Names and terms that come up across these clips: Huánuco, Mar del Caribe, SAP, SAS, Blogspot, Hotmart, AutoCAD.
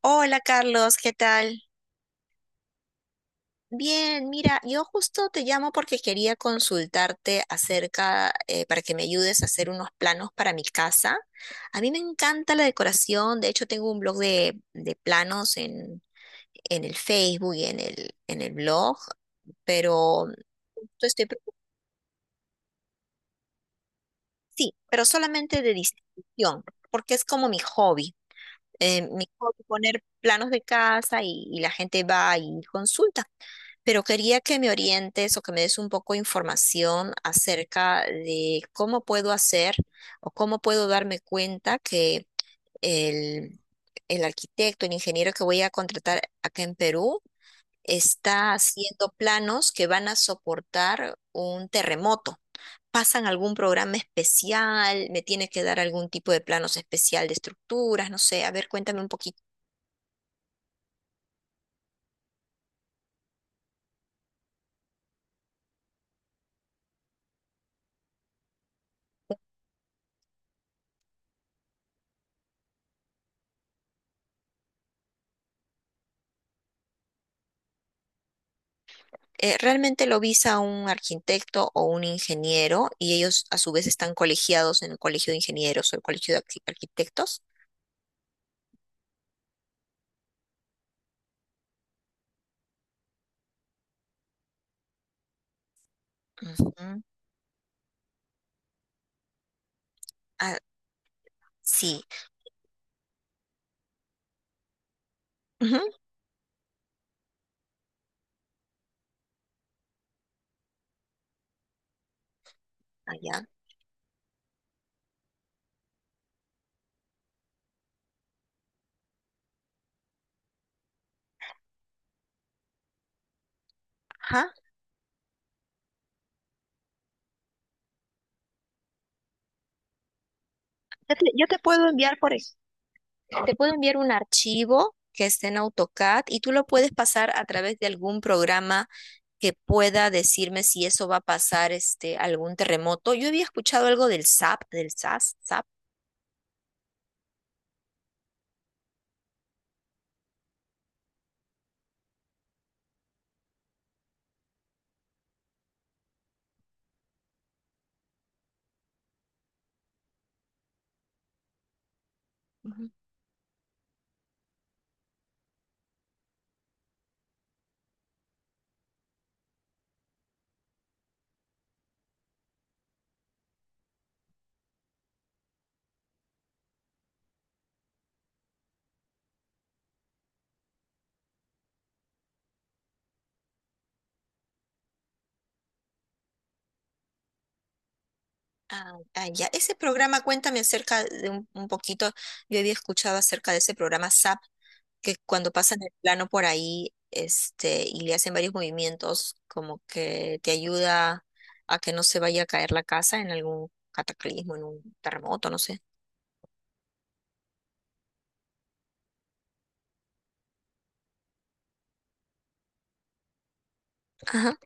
Hola Carlos, ¿qué tal? Bien, mira, yo justo te llamo porque quería consultarte acerca, para que me ayudes a hacer unos planos para mi casa. A mí me encanta la decoración, de hecho tengo un blog de planos en el Facebook y en el blog. pero justo estoy, pre- sí, pero solamente de distribución, porque es como mi hobby. Mi hobby, poner planos de casa y la gente va y consulta. Pero quería que me orientes o que me des un poco de información acerca de cómo puedo hacer o cómo puedo darme cuenta que el, el arquitecto, el ingeniero que voy a contratar acá en Perú está haciendo planos que van a soportar un terremoto. ¿Pasan algún programa especial? ¿Me tiene que dar algún tipo de planos especial de estructuras? No sé, a ver, cuéntame un poquito. Realmente lo visa un arquitecto o un ingeniero y ellos a su vez están colegiados en el colegio de ingenieros o el colegio de arquitectos. Ujú. Ah, sí. Ujú. Allá. Ajá. Yo te puedo enviar por eso. Te puedo enviar un archivo que esté en AutoCAD y tú lo puedes pasar a través de algún programa que pueda decirme si eso va a pasar este algún terremoto. Yo había escuchado algo del SAP, del SAS, SAP. Ah, ah, ya. Ese programa, cuéntame acerca de un poquito. Yo había escuchado acerca de ese programa SAP, que cuando pasan el plano por ahí, este, y le hacen varios movimientos, como que te ayuda a que no se vaya a caer la casa en algún cataclismo, en un terremoto, no sé. Ajá.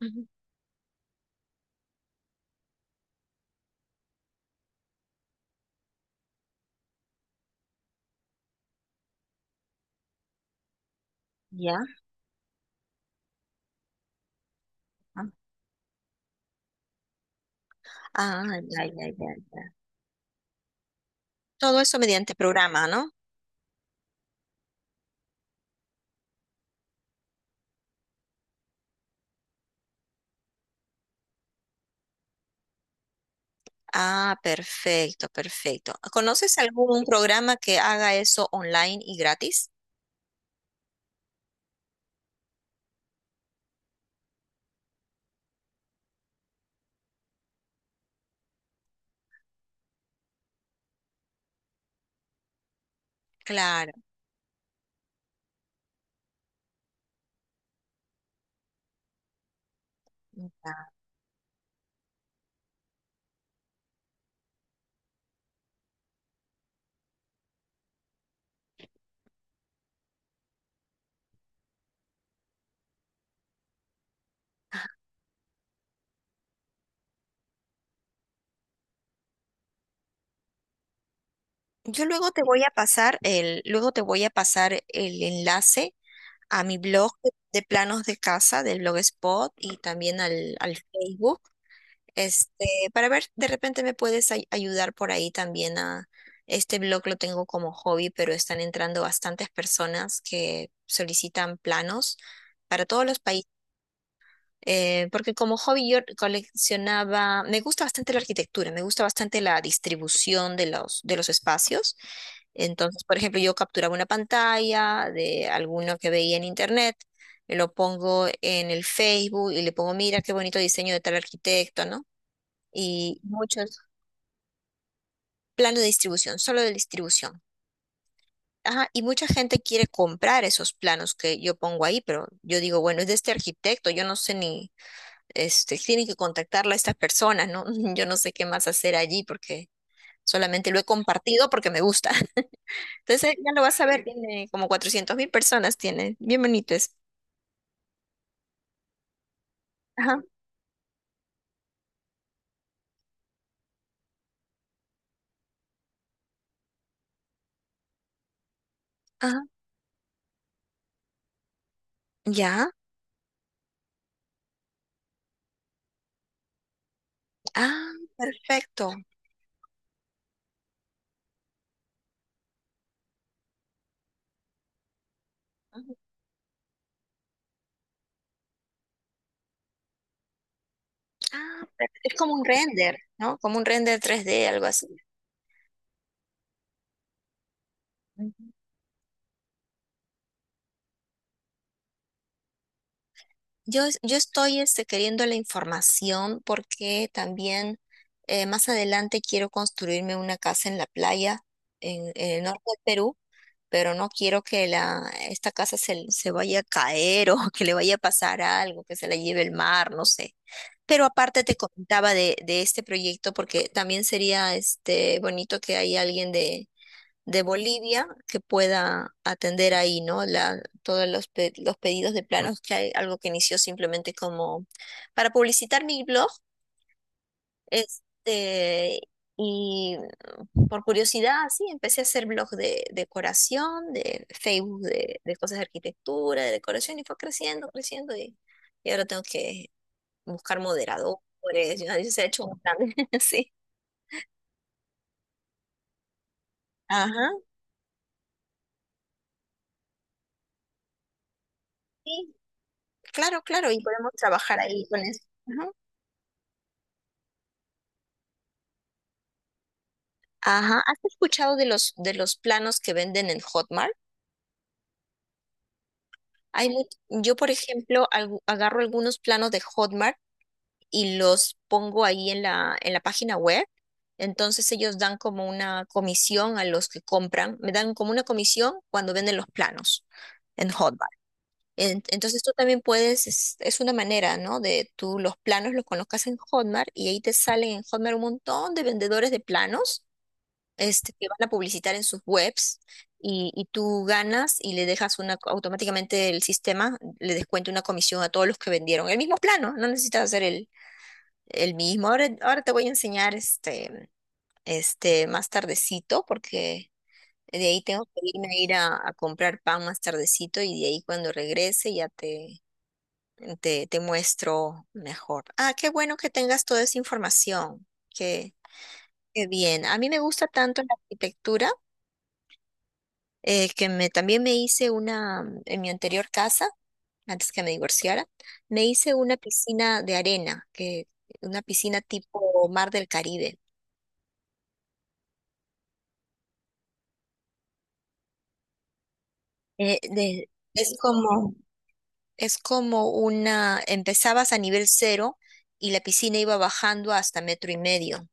Ujú. Ya. Ah, ah, ya, ya, ya, ya. Todo eso mediante programa, ¿no? Ah, perfecto, perfecto. ¿Conoces algún programa que haga eso online y gratis? Claro. Ya. Yo luego te voy a pasar el enlace a mi blog de planos de casa, del Blogspot y también al Facebook, este, para ver, de repente me puedes ayudar por ahí también este blog lo tengo como hobby, pero están entrando bastantes personas que solicitan planos para todos los países. Porque como hobby yo coleccionaba, me gusta bastante la arquitectura, me gusta bastante la distribución de de los espacios. Entonces, por ejemplo, yo capturaba una pantalla de alguno que veía en internet, lo pongo en el Facebook y le pongo, mira qué bonito diseño de tal arquitecto, ¿no? Y muchos planos de distribución, solo de distribución. Ajá, y mucha gente quiere comprar esos planos que yo pongo ahí, pero yo digo, bueno, es de este arquitecto, yo no sé ni este, tienen que contactarla a estas personas, ¿no? Yo no sé qué más hacer allí porque solamente lo he compartido porque me gusta. Entonces ya lo vas a ver, tiene como 400.000 personas, tiene, bien bonito es. Ajá, ajá, ya, ah, perfecto. Ujú. Ah, es como un render, ¿no? Como un render 3D, algo así. Ujú. Yo, yo estoy este, queriendo la información porque también más adelante quiero construirme una casa en la playa en el norte del Perú pero no quiero que esta casa se vaya a caer o que le vaya a pasar algo, que se la lleve el mar, no sé. Pero aparte te comentaba de este proyecto porque también sería este bonito que haya alguien de Bolivia que pueda atender ahí, ¿no? La, todos los, pe- los pedidos de planos, que hay algo que inició simplemente como para publicitar mi blog, este, y por curiosidad, sí, empecé a hacer blogs de decoración, de Facebook de cosas de arquitectura, de decoración, y fue creciendo, creciendo, y ahora tengo que buscar moderadores, y ahí se ha hecho un plan. Sí. Ajá, sí, claro, claro, y podemos trabajar ahí con eso. Ajá. Ajá, ¿has escuchado de de los planos que venden en Hotmart? Hay yo, por ejemplo, agarro algunos planos de Hotmart y los pongo ahí en la página web. Entonces ellos dan como una comisión a los que compran, me dan como una comisión cuando venden los planos en Hotmart. Entonces tú también puedes, es una manera, ¿no? De tú los planos los conozcas en Hotmart y ahí te salen en Hotmart un montón de vendedores de planos este, que van a publicitar en sus webs y tú ganas y le dejas una, automáticamente el sistema le descuenta una comisión a todos los que vendieron el mismo plano, no necesitas hacer el mismo. Ahora te voy a enseñar este más tardecito, porque de ahí tengo que irme a ir a comprar pan más tardecito y de ahí cuando regrese ya te muestro mejor. Ah, qué bueno que tengas toda esa información. Qué, qué bien. A mí me gusta tanto la arquitectura que me, también me hice una, en mi anterior casa, antes que me divorciara, me hice una piscina de arena, que, una piscina tipo Mar del Caribe. Eh, de- es como, es como una, empezabas a nivel cero y la piscina iba bajando hasta metro y medio.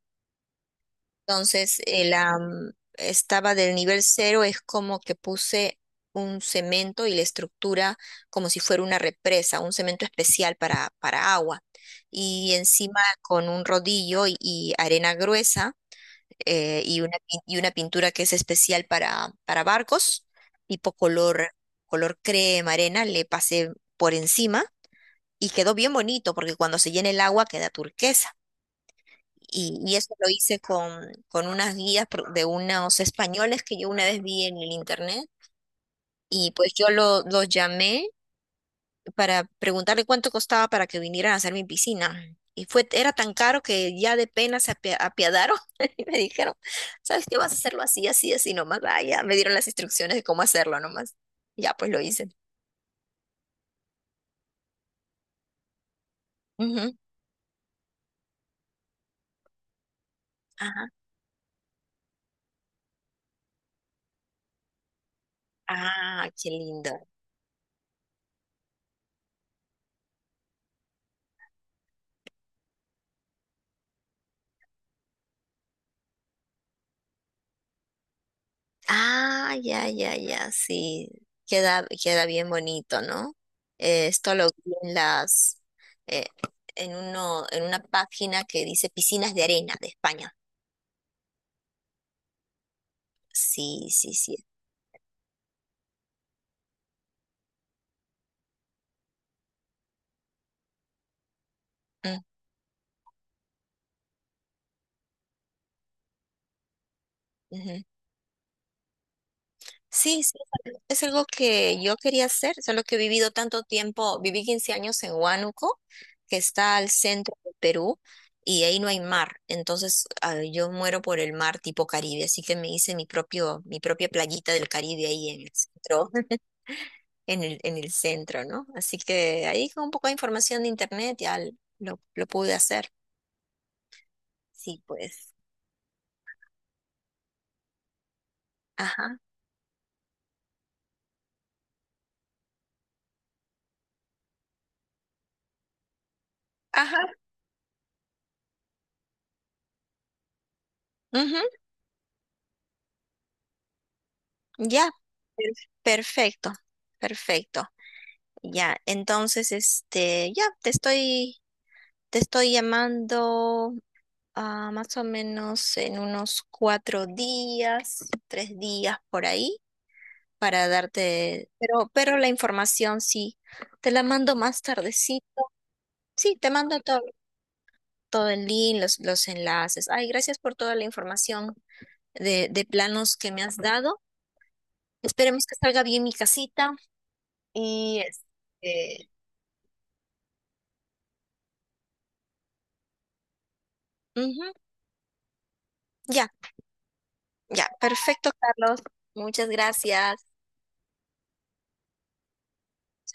Entonces, estaba del nivel cero, es como que puse un cemento y la estructura como si fuera una represa, un cemento especial para agua. Y encima con un rodillo y arena gruesa y una pintura que es especial para barcos, tipo color, color crema, arena, le pasé por encima y quedó bien bonito porque cuando se llena el agua queda turquesa. Y eso lo hice con unas guías de unos españoles que yo una vez vi en el internet. Y pues yo los llamé para preguntarle cuánto costaba para que vinieran a hacer mi piscina. Y fue, era tan caro que ya de pena se apiadaron y me dijeron, ¿sabes qué? Vas a hacerlo así, así, así nomás. Ah, ya me dieron las instrucciones de cómo hacerlo nomás. Ya, pues lo hice. Ujú. Ajá. Ah, qué lindo. Ah, ya, ya, ya, sí. Queda bien bonito, ¿no? Esto lo vi en las, eh, en uno, en una página que dice piscinas de arena de España. Sí, sí, sí. Mm, ujú. Sí, sí, es algo que yo quería hacer, solo que he vivido tanto tiempo, viví 15 años en Huánuco, que está al centro de Perú, y ahí no hay mar, entonces yo muero por el mar tipo Caribe, así que me hice mi propia playita del Caribe ahí en el centro, en el centro, ¿no? Así que ahí con un poco de información de internet ya lo pude hacer. Sí, pues. Ajá. Ajá. Ujú. Ya. Per- Perfecto. Perfecto. Ya, entonces, este, ya, te estoy llamando más o menos en unos 4 días, 3 días por ahí, para darte, pero la información sí, te la mando más tardecito. Sí, te mando todo el link, los enlaces. Ay, gracias por toda la información de planos que me has dado. Esperemos que salga bien mi casita y este, ujú, ya. Ya, perfecto, Carlos. Muchas gracias. Chao.